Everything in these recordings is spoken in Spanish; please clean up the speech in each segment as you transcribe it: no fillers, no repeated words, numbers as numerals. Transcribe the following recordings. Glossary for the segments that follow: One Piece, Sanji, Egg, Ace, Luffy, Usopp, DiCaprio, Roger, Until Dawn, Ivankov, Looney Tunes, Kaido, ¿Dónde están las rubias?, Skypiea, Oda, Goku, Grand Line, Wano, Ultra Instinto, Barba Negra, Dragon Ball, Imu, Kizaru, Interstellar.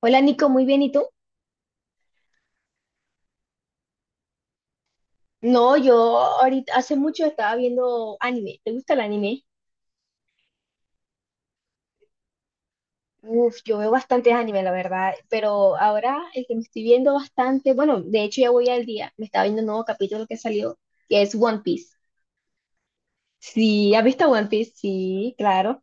Hola Nico, muy bien, ¿y tú? No, yo ahorita hace mucho estaba viendo anime. ¿Te gusta el anime? Uf, yo veo bastantes anime, la verdad, pero ahora el que me estoy viendo bastante, bueno, de hecho ya voy al día, me estaba viendo un nuevo capítulo que salió, que es One Piece. Sí, ¿has visto One Piece? Sí, claro.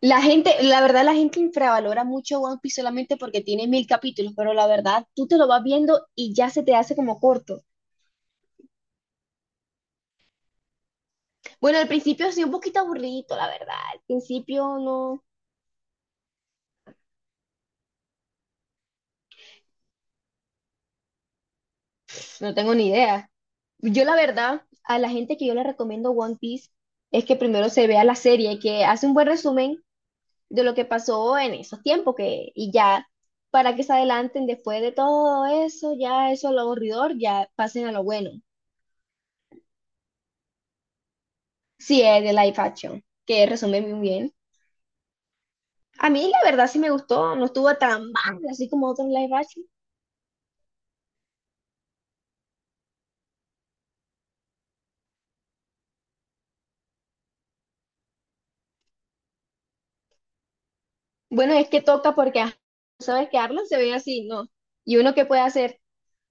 La gente, la verdad, la gente infravalora mucho One Piece solamente porque tiene mil capítulos, pero la verdad, tú te lo vas viendo y ya se te hace como corto. Bueno, al principio sí, un poquito aburrido, la verdad. Al principio no. No tengo ni idea. Yo la verdad, a la gente que yo le recomiendo One Piece es que primero se vea la serie, que hace un buen resumen de lo que pasó en esos tiempos que, y ya para que se adelanten después de todo eso, ya eso lo aburridor, ya pasen a lo bueno. Sí, es de live action, que resume muy bien. A mí la verdad sí me gustó, no estuvo tan mal así como otros live action. Bueno, es que toca porque, ¿sabes que Arlong se ve así? No. ¿Y uno qué puede hacer?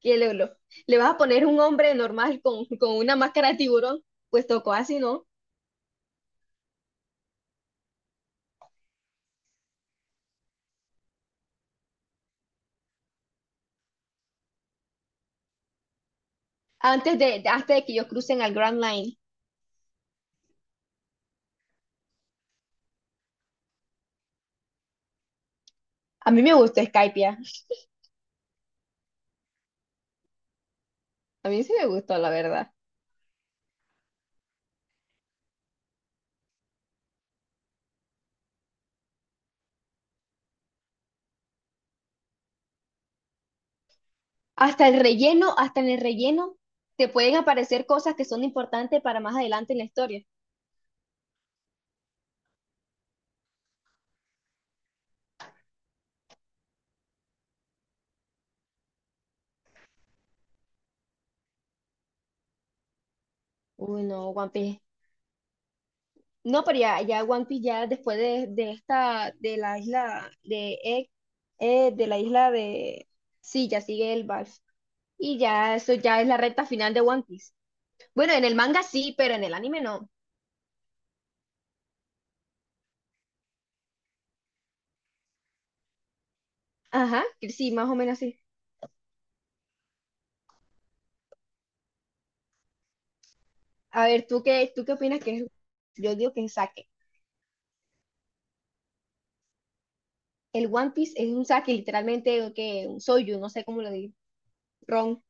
que le, lo- Le vas a poner un hombre normal con una máscara de tiburón, pues tocó así, ¿no? Antes de que ellos crucen al Grand Line. A mí me gustó Skypiea, a mí sí me gustó, la verdad. Hasta en el relleno, te pueden aparecer cosas que son importantes para más adelante en la historia. Uy, no, One Piece. No, pero ya, ya One Piece, ya después de, de la isla de Egg, de la isla de... Sí, ya sigue el Vals. Y ya, eso ya es la recta final de One Piece. Bueno, en el manga sí, pero en el anime no. Ajá, que sí, más o menos así. A ver, ¿tú qué opinas que es? Yo digo que es saque. El One Piece es un saque, literalmente, o que un soyu, no sé cómo lo digo, ron.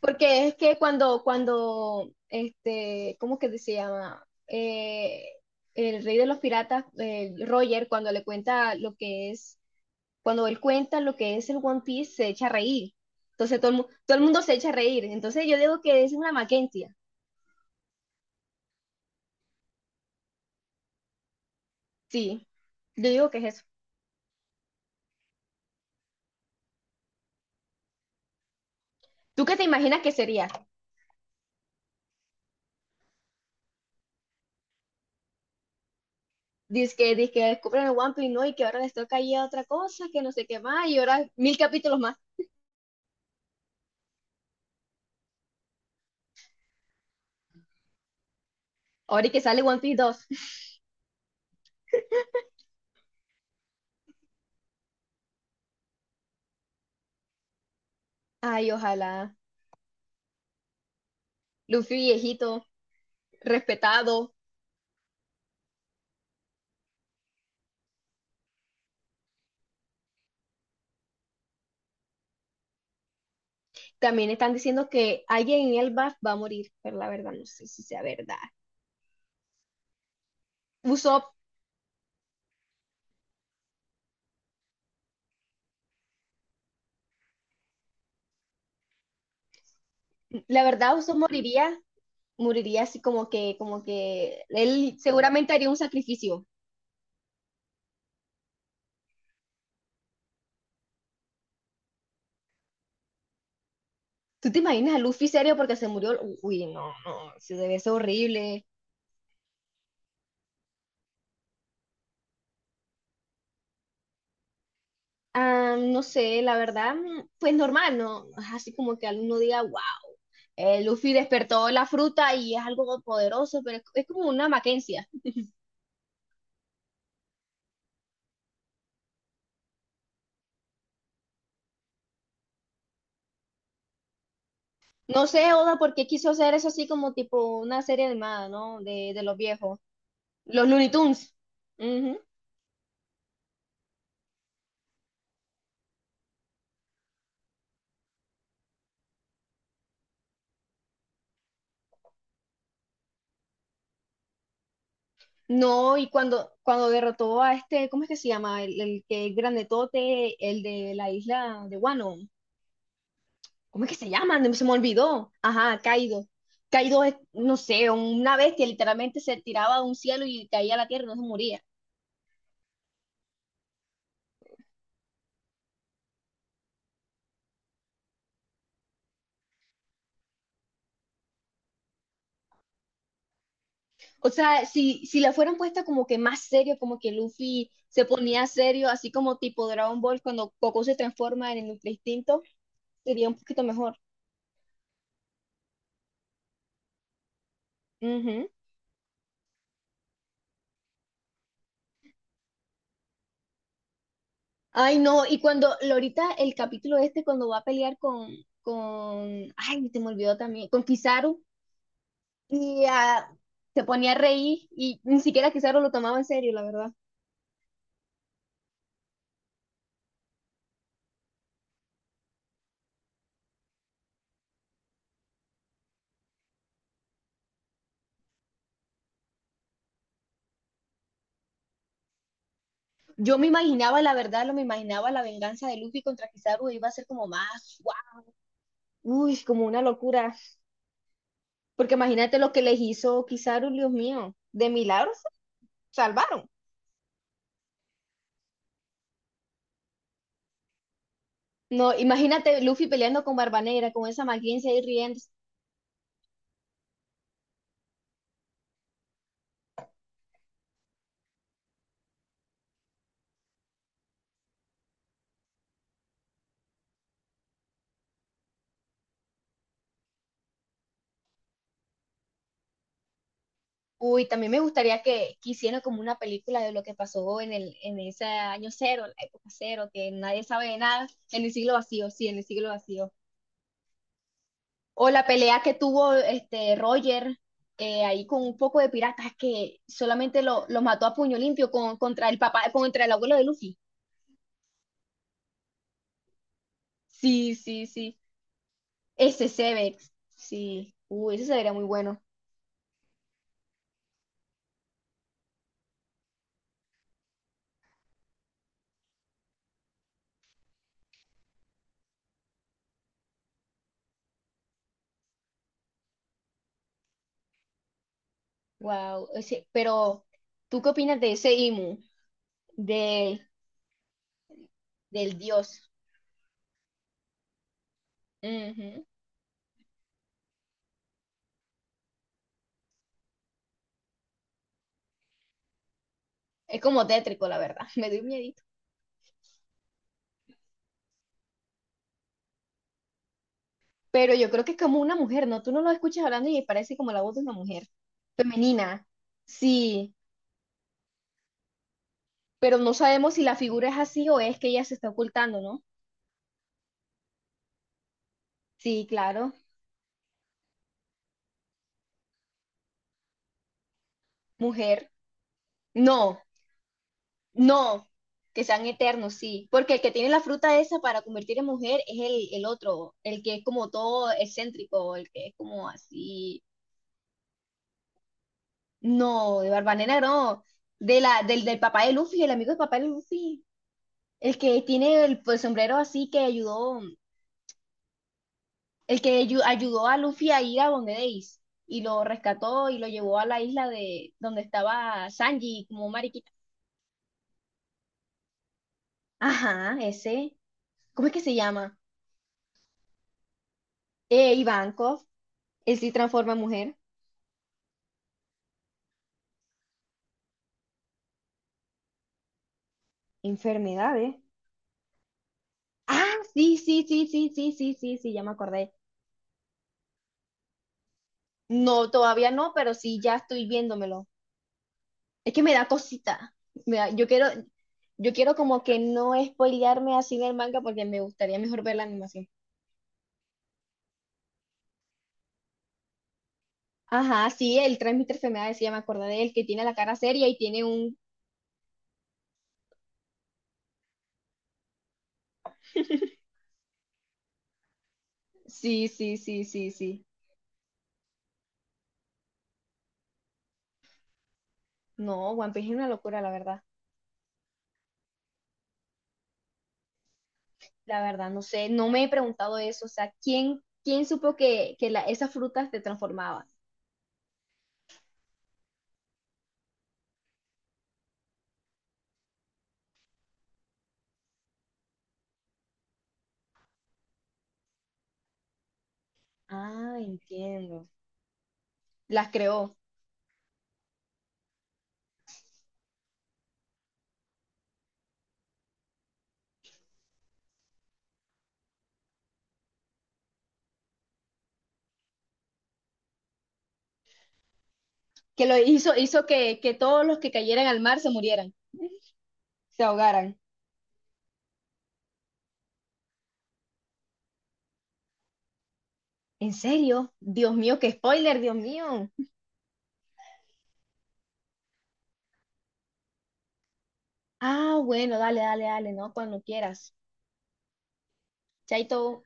Porque es que cuando, este, ¿cómo que se llama? El rey de los piratas, Roger, cuando le cuenta lo que es, cuando él cuenta lo que es el One Piece, se echa a reír. Entonces todo el mundo se echa a reír. Entonces yo digo que es una Mackenzie. Sí, yo digo que es eso. ¿Tú qué te imaginas que sería? Dice que descubren el One Piece, ¿no? Y que ahora les toca ir a otra cosa, que no sé qué más, y ahora mil capítulos más. Ahora y que sale One Piece dos. Ay, ojalá. Luffy viejito, respetado. También están diciendo que alguien en el BAF va a morir, pero la verdad no sé si sea verdad. Usopp, la verdad Usopp moriría, moriría así como que él seguramente haría un sacrificio. ¿Tú te imaginas a Luffy serio porque se murió? Uy, no, no, se debe ser horrible. Ah, no sé, la verdad, pues normal, ¿no? Es así como que alguno diga, wow, Luffy despertó la fruta y es algo poderoso, pero es como una Mackenzie. No sé, Oda, por qué quiso hacer eso así como tipo una serie animada, ¿no? De los viejos, los Looney Tunes. Ujú. No, y cuando derrotó a este, ¿cómo es que se llama? El que es grandetote, el de la isla de Wano. ¿Cómo es que se llama? No, se me olvidó. Ajá, Kaido. Kaido es, no sé, una bestia, literalmente se tiraba de un cielo y caía a la tierra y no se moría. O sea, si la fueran puesta como que más serio, como que Luffy se ponía serio, así como tipo Dragon Ball, cuando Goku se transforma en el Ultra Instinto, sería un poquito mejor. Ujú. Ay, no, ahorita el capítulo este, cuando va a pelear con, ay, se me olvidó también, con Kizaru. Y se ponía a reír y ni siquiera Kizaru lo tomaba en serio, la verdad. Yo me imaginaba, la verdad, lo me imaginaba la venganza de Luffy contra Kizaru iba a ser como más, guau, uy, como una locura. Porque imagínate lo que les hizo Kizaru, Dios mío, de milagros salvaron. No, imagínate Luffy peleando con Barba Negra, con esa malicia y riendo. Uy, también me gustaría que hicieran como una película de lo que pasó en el, en ese año cero, la época cero, que nadie sabe de nada, en el siglo vacío, sí, en el siglo vacío. O la pelea que tuvo este Roger ahí con un poco de piratas que solamente lo mató a puño limpio con, contra el papá, contra el abuelo de Luffy. Sí, sí, sí. Ese Sevex. Sí. Ese sería muy bueno. Wow. Ese, pero, ¿tú qué opinas de ese Imu? De, del dios. Ujú. Es como tétrico, la verdad. Me dio miedito. Pero yo creo que es como una mujer, ¿no? Tú no lo escuchas hablando y parece como la voz de una mujer. Femenina. Sí. Pero no sabemos si la figura es así o es que ella se está ocultando, ¿no? Sí, claro, mujer. No, no, que sean eternos, sí, porque el que tiene la fruta esa para convertir en mujer es el otro, el que es como todo excéntrico, el que es como así. No, de Barbanena no, del, del papá de Luffy, el amigo del papá de Luffy, el que tiene el sombrero así que ayudó. Ayudó a Luffy a ir a donde Ace y lo rescató y lo llevó a la isla de donde estaba Sanji como mariquita. Ajá, ese. ¿Cómo es que se llama? Ivankov. Él sí transforma en mujer. Enfermedades. Ah, sí, sí, sí, sí, sí, sí, sí, sí, ya me acordé. No, todavía no, pero sí, ya estoy viéndomelo. Es que me da cosita. Yo quiero, yo quiero como que no spoilearme así en el manga porque me gustaría mejor ver la animación. Ajá, sí, el transmitter se me decía, me acordé de él, que tiene la cara seria y tiene un... Sí, sí, sí, sí, sí. No, One Piece es una locura, la verdad. La verdad, no sé, no me he preguntado eso. O sea, ¿quién supo que, esas frutas te transformaban? Ah, entiendo. Las creó. Que lo hizo, hizo que todos los que cayeran al mar se murieran, se ahogaran. ¿En serio? Dios mío, qué spoiler, Dios mío. Ah, bueno, dale, ¿no? Cuando quieras. Chaito.